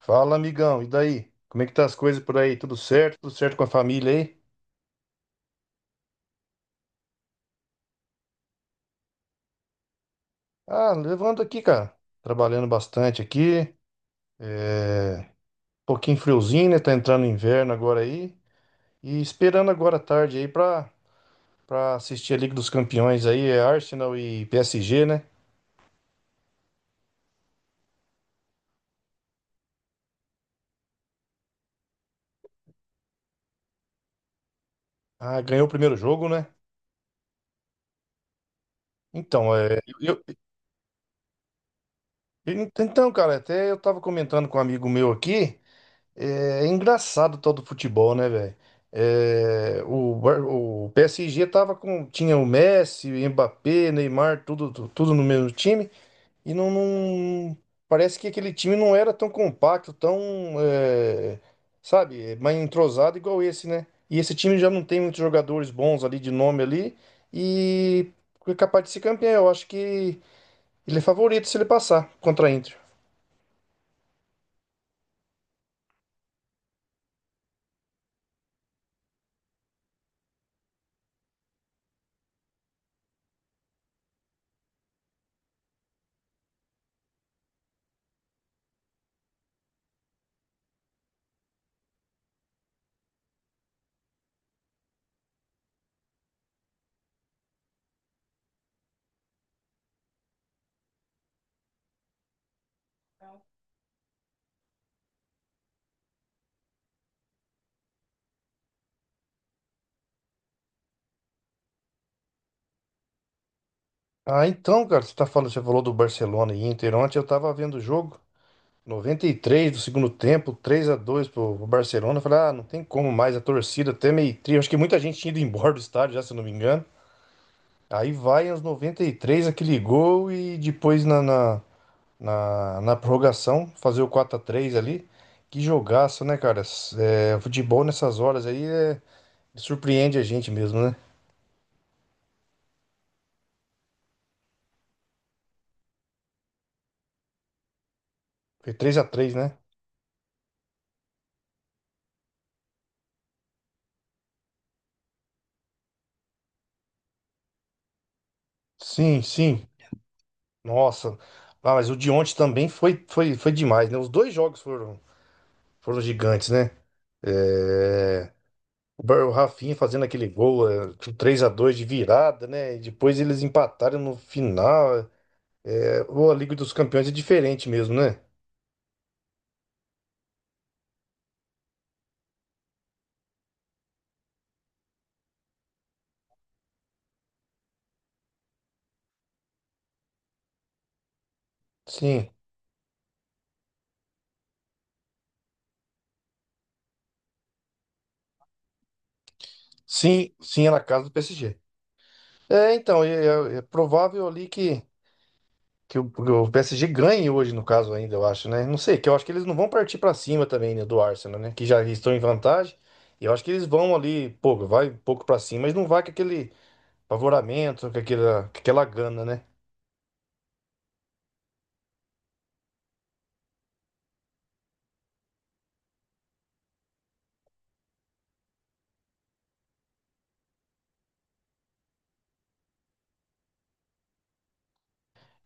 Fala, amigão, e daí? Como é que tá as coisas por aí? Tudo certo? Tudo certo com a família aí? Ah, levando aqui, cara. Trabalhando bastante aqui. Um pouquinho friozinho, né? Tá entrando inverno agora aí. E esperando agora à tarde aí pra assistir a Liga dos Campeões aí. É Arsenal e PSG, né? Ah, ganhou o primeiro jogo, né? Então, então, cara, até eu tava comentando com um amigo meu aqui. É engraçado todo o futebol, né, velho? É, o PSG tinha o Messi, o Mbappé, Neymar, tudo no mesmo time, e parece que aquele time não era tão compacto, tão, é, sabe, é, mais entrosado igual esse, né? E esse time já não tem muitos jogadores bons ali de nome ali, e é capaz de ser campeão. Eu acho que ele é favorito se ele passar contra a Inter. Ah, então, cara, você falou do Barcelona e Inter. Ontem eu tava vendo o jogo, 93 do segundo tempo, 3 a 2 pro Barcelona. Eu falei, ah, não tem como mais, a torcida até meio triste. Acho que muita gente tinha ido embora do estádio já, se eu não me engano. Aí vai aos 93 aquele gol e depois na prorrogação fazer o 4 a 3 ali. Que jogaço, né, cara? Futebol nessas horas aí surpreende a gente mesmo, né? Foi 3 a 3, né? Sim, sim. Nossa, ah, mas o de ontem também foi demais, né? Os dois jogos foram gigantes, né? É, O o Rafinha fazendo aquele gol, é, 3x2 de virada, né? E depois eles empataram no final. É, ou a Liga dos Campeões é diferente mesmo, né? Sim, sim, é na casa do PSG. É, então, é, É provável ali que o PSG ganhe hoje, no caso, ainda, eu acho, né? Não sei, que eu acho que eles não vão partir pra cima também, né, do Arsenal, né? Que já estão em vantagem. E eu acho que eles vão ali, pouco, vai um pouco pra cima, mas não vai com aquele favoramento, com aquela gana, né?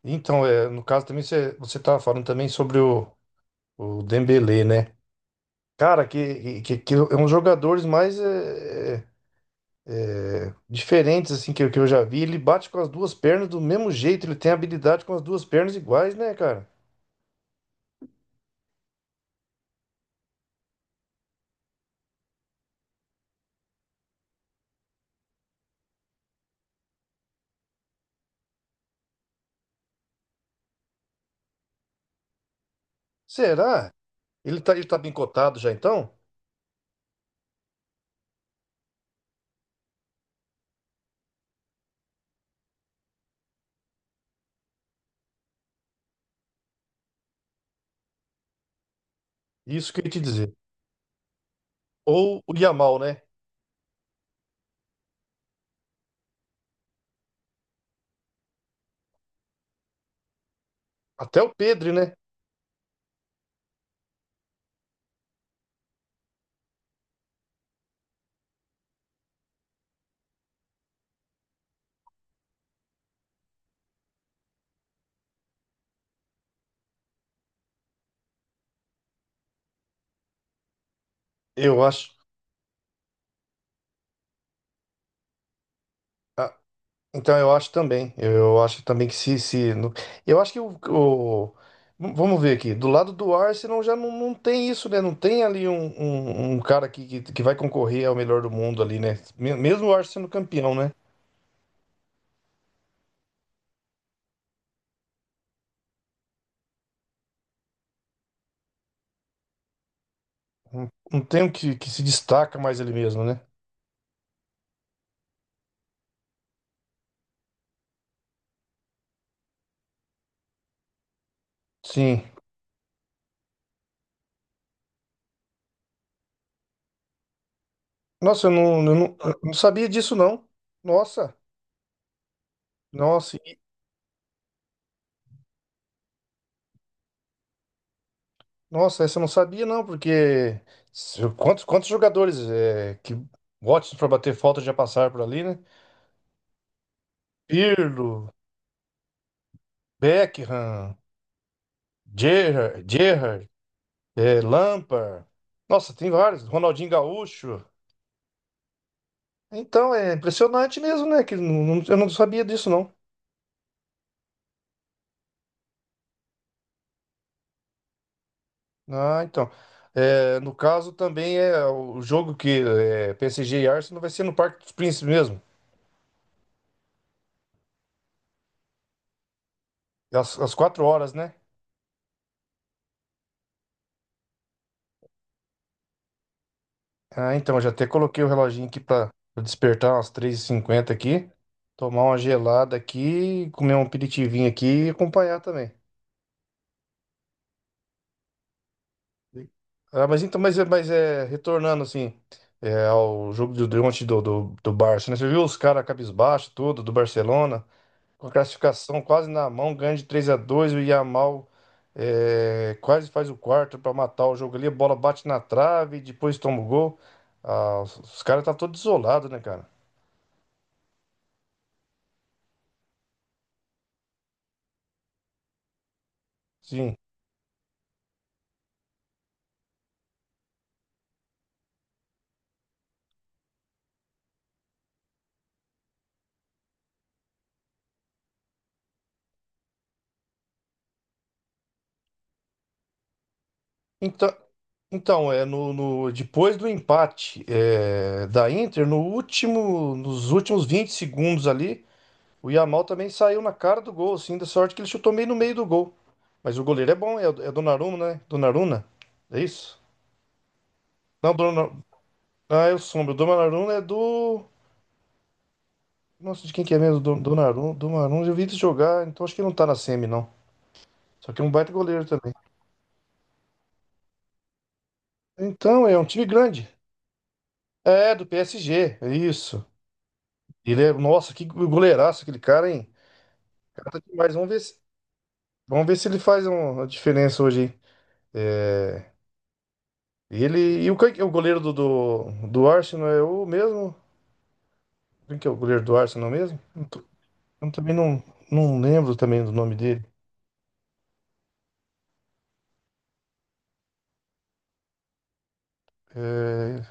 Então, é, no caso também, você tava falando também sobre o Dembélé, né? Cara, que é um dos jogadores mais diferentes, assim, que eu já vi. Ele bate com as duas pernas do mesmo jeito, ele tem habilidade com as duas pernas iguais, né, cara? Será? Ele tá bem cotado já então? Isso que eu ia te dizer. Ou o Yamal, né? Até o Pedro, né? Eu acho. Ah, então eu acho também. Eu acho também que se. Se no- eu acho que o- vamos ver aqui. Do lado do Arsenal já não, não tem isso, né? Não tem ali um cara que vai concorrer ao melhor do mundo ali, né? Mesmo o Arsenal sendo campeão, né? Não tem um que se destaca mais ele mesmo, né? Sim. Nossa, eu não sabia disso, não. Nossa. Nossa. Nossa, essa eu não sabia não, porque quantos, quantos jogadores que ótimos para bater falta já passaram por ali, né? Pirlo, Beckham, Gerrard, é, Lampard. Nossa, tem vários. Ronaldinho Gaúcho. Então, é impressionante mesmo, né? Que não- não- eu não sabia disso não. Ah, então. É, no caso também é o jogo PSG e Arsenal vai ser no Parque dos Príncipes mesmo. Às 4 horas, né? Ah, então, eu já até coloquei o reloginho aqui pra despertar umas 3h50 aqui. Tomar uma gelada aqui, comer um aperitivinho aqui e acompanhar também. Ah, mas então, mas é, retornando assim, é, ao jogo de ontem do Barça, né? Você viu os caras cabisbaixo, tudo, do Barcelona, com a classificação quase na mão, ganha de 3 a 2 o Yamal é, quase faz o quarto para matar o jogo ali, a bola bate na trave, depois toma o gol. Ah, os caras tá todo isolado, né, cara? Sim. Então, então é depois do empate é, da Inter, no último, nos últimos 20 segundos ali, o Yamal também saiu na cara do gol, assim, da sorte que ele chutou meio no meio do gol. Mas o goleiro é bom, é Donnarumma, né? Donnarumma? É isso? Não, Donnarumma. Ah, eu sombro. O Donnarumma é do. Nossa, de quem que é mesmo? Donnarumma. Donnarumma, eu vi ele jogar, então acho que não tá na semi, não. Só que é um baita goleiro também. Então, é um time grande. É, do PSG, é isso. Ele é, nossa, que goleiraço aquele cara, hein? O cara, tá demais. Vamos ver se ele faz uma diferença hoje, hein? É, ele e o, quem que é o goleiro do Arsenal é o mesmo? Quem que é o goleiro do Arsenal mesmo? Eu também não, não lembro também do nome dele. É,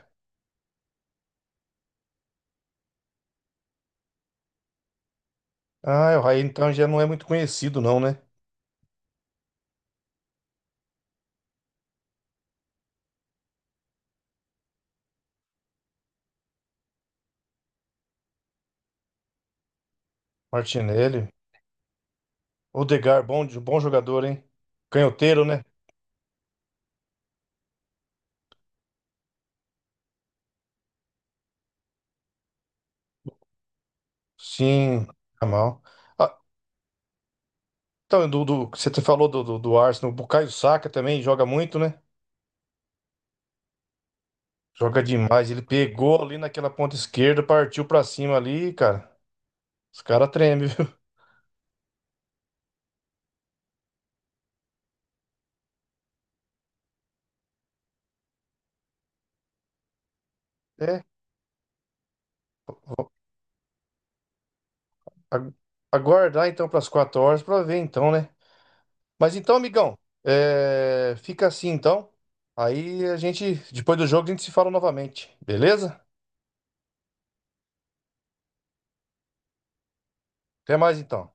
ah, é o Raí então já não é muito conhecido não, né? Martinelli. Odegaard, bom jogador, hein? Canhoteiro, né? Sim, tá mal. Ah, então, você falou do Arsenal, o Bukayo Saka também joga muito, né? Joga demais. Ele pegou ali naquela ponta esquerda, partiu pra cima ali, cara. Os caras tremem, viu? É. a- Aguardar então pras 4 horas pra ver então, né? Mas então, amigão, é, fica assim então. Aí a gente, depois do jogo, a gente se fala novamente, beleza? Até mais então.